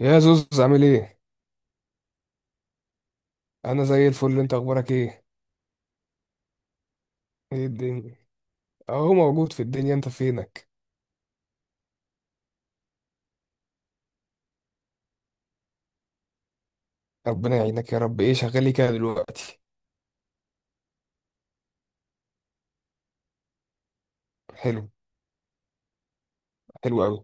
يا زوز، عامل ايه؟ انا زي الفل، انت اخبارك ايه؟ ايه الدنيا؟ اهو موجود في الدنيا، انت فينك؟ ربنا يعينك يا رب. ايه شغال لي كده دلوقتي؟ حلو. حلو قوي.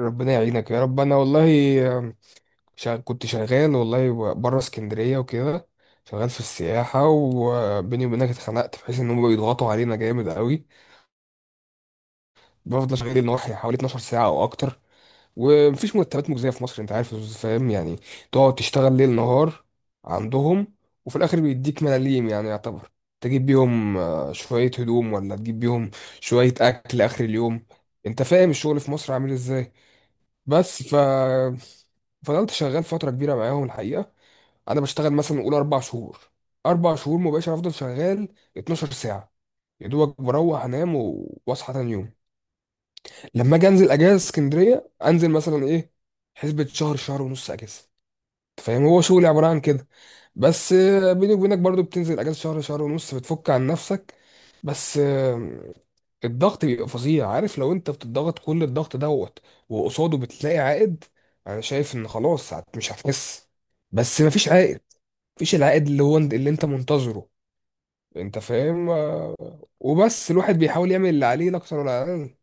ربنا يعينك يا رب. انا والله آم، كنت شغال والله بره اسكندريه وكده، شغال في السياحه، وبيني وبينك اتخنقت، بحيث ان هم بيضغطوا علينا جامد قوي. بفضل شغال النهار حوالي 12 ساعه او اكتر، ومفيش مرتبات مجزية في مصر، انت عارف فاهم يعني. تقعد تشتغل ليل نهار عندهم، وفي الاخر بيديك ملاليم يعني، يعتبر تجيب بيهم شوية هدوم، ولا تجيب بيهم شوية اكل اخر اليوم. انت فاهم الشغل في مصر عامل ازاي. بس ف فضلت شغال فترة كبيرة معاهم الحقيقة. انا بشتغل مثلا قول اربع شهور، اربع شهور مباشر افضل شغال 12 ساعة. يا دوبك بروح انام واصحى تاني يوم. لما اجي انزل اجازه اسكندريه انزل مثلا ايه، حسبه شهر شهر ونص اجازه. أنت فاهم، هو شغلي عباره عن كده. بس بيني وبينك برضو بتنزل اجازه شهر شهر ونص، بتفك عن نفسك. بس الضغط بيبقى فظيع، عارف؟ لو انت بتضغط كل الضغط دوت وقصاده بتلاقي عائد، انا شايف ان خلاص مش هتحس. بس مفيش عائد، مفيش العائد اللي هو اللي انت منتظره. انت فاهم وبس الواحد بيحاول يعمل اللي عليه لا اكتر ولا اقل.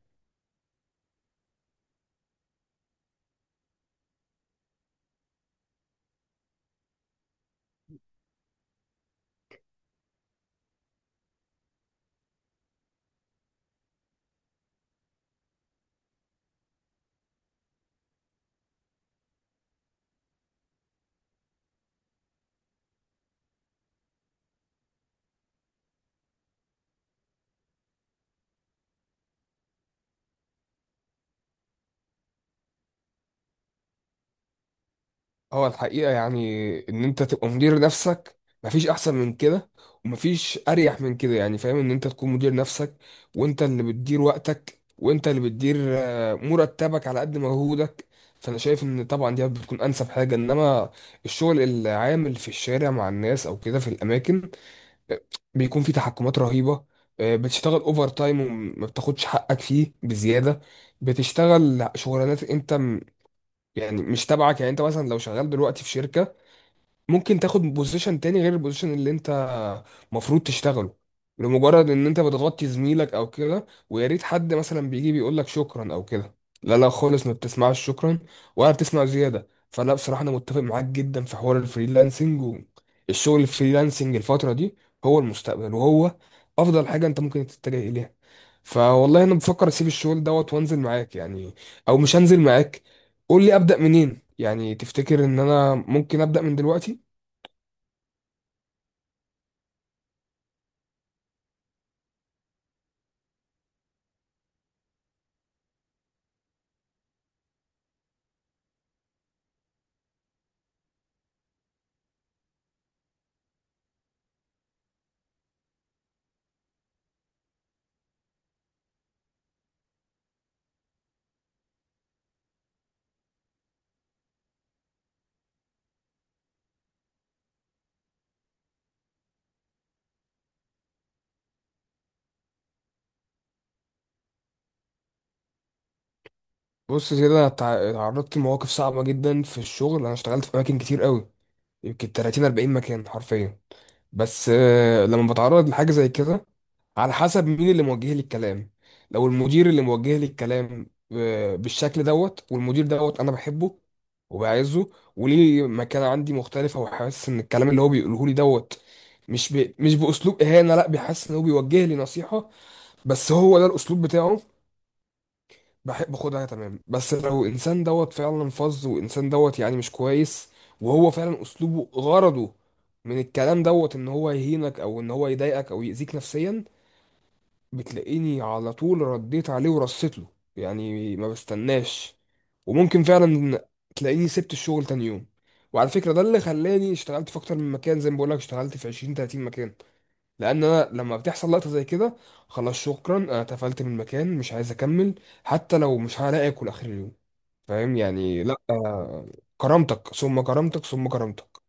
هو الحقيقة يعني إن أنت تبقى مدير نفسك، مفيش أحسن من كده، ومفيش أريح من كده يعني. فاهم؟ إن أنت تكون مدير نفسك، وأنت اللي بتدير وقتك، وأنت اللي بتدير مرتبك على قد مجهودك. فأنا شايف إن طبعا دي بتكون أنسب حاجة. إنما الشغل العامل في الشارع مع الناس أو كده في الأماكن، آه، بيكون في تحكمات رهيبة. بتشتغل اوفر تايم وما بتاخدش حقك فيه بزيادة. بتشتغل شغلانات انت يعني مش تبعك. يعني انت مثلا لو شغال دلوقتي في شركة، ممكن تاخد بوزيشن تاني غير البوزيشن اللي انت مفروض تشتغله، لمجرد ان انت بتغطي زميلك او كده. ويا ريت حد مثلا بيجي بيقول لك شكرا او كده، لا لا خالص، ما بتسمعش شكرا ولا بتسمع زياده. فلا، بصراحه انا متفق معاك جدا في حوار الفريلانسنج، والشغل الفريلانسنج الفتره دي هو المستقبل، وهو افضل حاجه انت ممكن تتجه اليها. فوالله انا بفكر اسيب الشغل دوت وانزل معاك يعني، او مش هنزل معاك، قول لي ابدا منين يعني. تفتكر ان انا ممكن ابدا من دلوقتي؟ بص كده، انا اتعرضت لمواقف صعبه جدا في الشغل. انا اشتغلت في اماكن كتير قوي، يمكن 30 40 مكان حرفيا. بس لما بتعرض لحاجه زي كده، على حسب مين اللي موجه لي الكلام. لو المدير اللي موجه لي الكلام بالشكل دوت، والمدير دوت انا بحبه وبعزه، وليه مكانه عندي مختلفه، وحاسس ان الكلام اللي هو بيقوله لي دوت مش باسلوب اهانه، لا، بيحس ان هو بيوجه لي نصيحه، بس هو ده الاسلوب بتاعه، بحب اخدها تمام. بس لو انسان دوت فعلا فظ، وانسان دوت يعني مش كويس، وهو فعلا اسلوبه غرضه من الكلام دوت ان هو يهينك، او ان هو يضايقك او يأذيك نفسيا، بتلاقيني على طول رديت عليه ورصيت له، يعني ما بستناش. وممكن فعلا تلاقيني سبت الشغل تاني يوم. وعلى فكرة، ده اللي خلاني اشتغلت في اكتر من مكان، زي ما بقولك اشتغلت في 20 30 مكان، لان انا لما بتحصل لقطه زي كده، خلاص شكرا، انا اتقفلت من المكان، مش عايز اكمل، حتى لو مش هلاقي اكل اخر اليوم. فاهم يعني؟ لا كرامتك ثم كرامتك ثم كرامتك.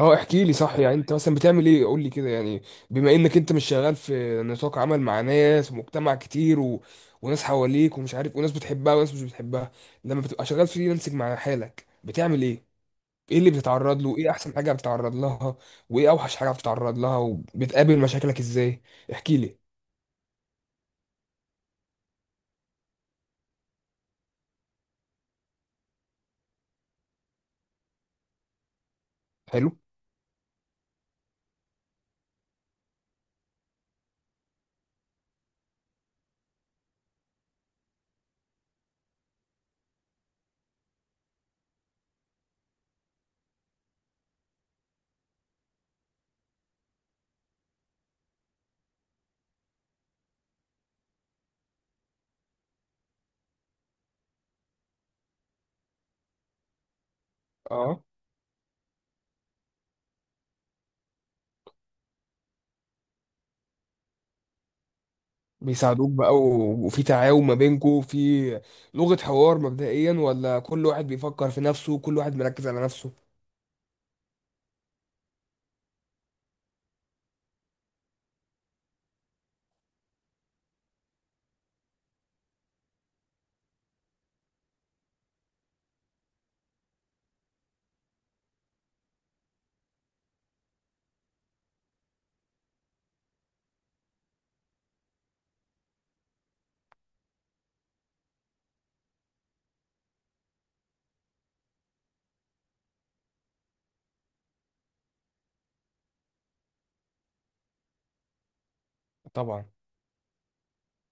اه، احكي لي صح. يعني انت مثلا بتعمل ايه؟ قول لي كده يعني. بما انك انت مش شغال في نطاق عمل مع ناس ومجتمع كتير وناس حواليك ومش عارف، وناس بتحبها وناس مش بتحبها، لما بتبقى شغال فريلانسنج مع حالك، بتعمل ايه؟ ايه اللي بتتعرض له؟ ايه احسن حاجه بتتعرض لها؟ وايه اوحش حاجه بتتعرض لها؟ وبتقابل مشاكلك ازاي؟ احكي لي. حلو. اه، بيساعدوك بقى وفي تعاون ما بينكوا في لغه حوار مبدئيا؟ ولا كل واحد بيفكر في نفسه، كل واحد مركز على نفسه؟ طبعا.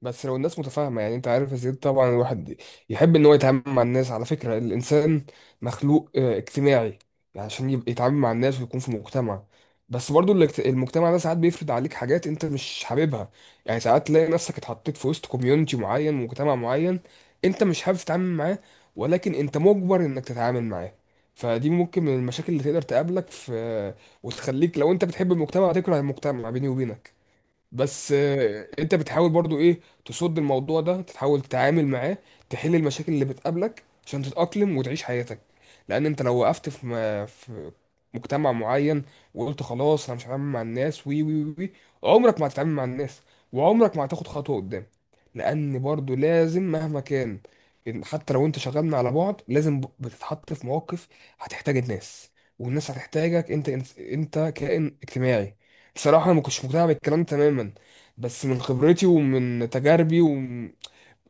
بس لو الناس متفاهمة. يعني انت عارف يا زياد، طبعا الواحد يحب ان هو يتعامل مع الناس. على فكرة الانسان مخلوق اجتماعي، يعني عشان يبقى يتعامل مع الناس ويكون في مجتمع. بس برضو المجتمع ده ساعات بيفرض عليك حاجات انت مش حاببها. يعني ساعات تلاقي نفسك اتحطيت في وسط كوميونتي معين، مجتمع معين، انت مش حابب تتعامل معاه، ولكن انت مجبر انك تتعامل معاه. فدي ممكن من المشاكل اللي تقدر تقابلك في، وتخليك لو انت بتحب المجتمع تكره المجتمع بيني وبينك. بس انت بتحاول برضو ايه، تصد الموضوع ده، تحاول تتعامل معاه، تحل المشاكل اللي بتقابلك عشان تتأقلم وتعيش حياتك. لان انت لو وقفت في في مجتمع معين وقلت خلاص انا مش هتعامل مع الناس، وي وي وي وي، عمرك ما هتتعامل مع الناس، وعمرك ما هتاخد خطوة قدام. لان برضو لازم مهما كان، إن حتى لو انت شغال على بعد، لازم بتتحط في مواقف هتحتاج الناس، والناس هتحتاجك انت. انت كائن اجتماعي. بصراحة أنا ما كنتش مقتنع بالكلام تماما، بس من خبرتي ومن تجاربي،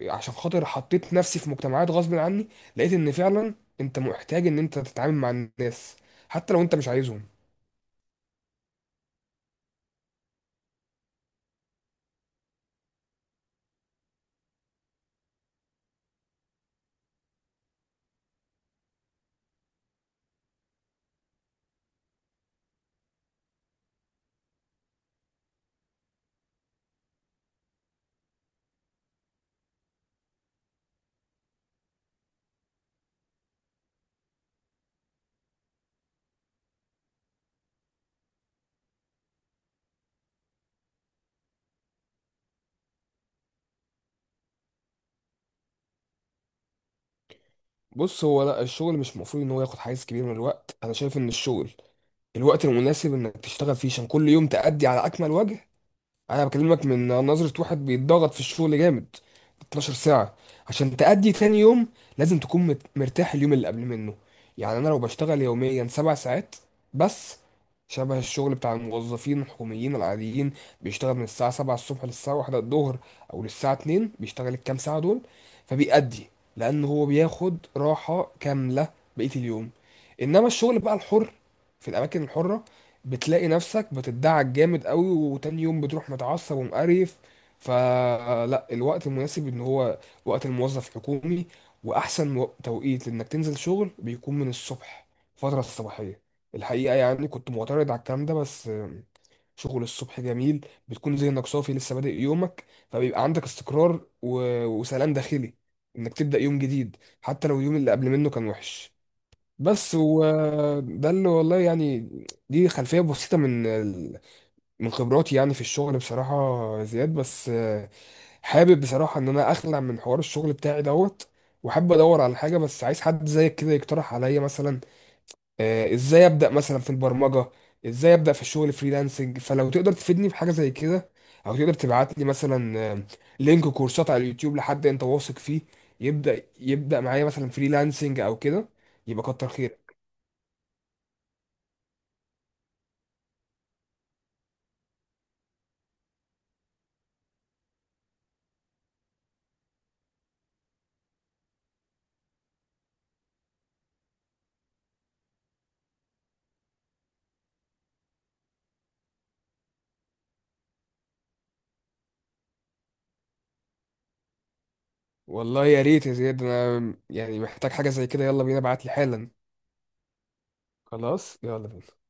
وعشان خاطر حطيت نفسي في مجتمعات غصب عني، لقيت إن فعلا أنت محتاج إن أنت تتعامل مع الناس حتى لو أنت مش عايزهم. بص، هو لا، الشغل مش المفروض إن هو ياخد حيز كبير من الوقت. أنا شايف إن الشغل الوقت المناسب إنك تشتغل فيه عشان كل يوم تأدي على أكمل وجه. انا بكلمك من نظرة واحد بيتضغط في الشغل جامد 12 ساعة. عشان تأدي تاني يوم، لازم تكون مرتاح اليوم اللي قبل منه. يعني انا لو بشتغل يوميا سبع ساعات بس، شبه الشغل بتاع الموظفين الحكوميين العاديين، بيشتغل من الساعة 7 الصبح للساعة 1 الظهر او للساعة 2، بيشتغل الكام ساعة دول فبيأدي، لان هو بياخد راحة كاملة بقية اليوم. انما الشغل بقى الحر، في الاماكن الحرة، بتلاقي نفسك بتدعك جامد قوي، وتاني يوم بتروح متعصب ومقريف. فلا، الوقت المناسب ان هو وقت الموظف حكومي. واحسن توقيت انك تنزل شغل بيكون من الصبح، الفترة الصباحية. الحقيقة يعني كنت معترض على الكلام ده، بس شغل الصبح جميل، بتكون ذهنك صافي، لسه بادئ يومك، فبيبقى عندك استقرار وسلام داخلي انك تبدأ يوم جديد، حتى لو اليوم اللي قبل منه كان وحش. بس وده اللي والله يعني، دي خلفية بسيطة من من خبراتي يعني في الشغل بصراحة يا زياد. بس حابب بصراحة ان انا اخلع من حوار الشغل بتاعي دوت، وحابب ادور على حاجة. بس عايز حد زيك كده يقترح عليا مثلا ازاي ابدأ مثلا في البرمجة، ازاي ابدأ في الشغل فريلانسنج. فلو تقدر تفيدني بحاجة زي كده، او تقدر تبعت لي مثلا لينك كورسات على اليوتيوب لحد انت واثق فيه يبدأ معايا مثلا فريلانسنج او كده، يبقى كتر خيرك. والله يا ريت يا زياد، انا يعني محتاج حاجة زي كده. يلا بينا، ابعت لي حالا. خلاص يلا بينا.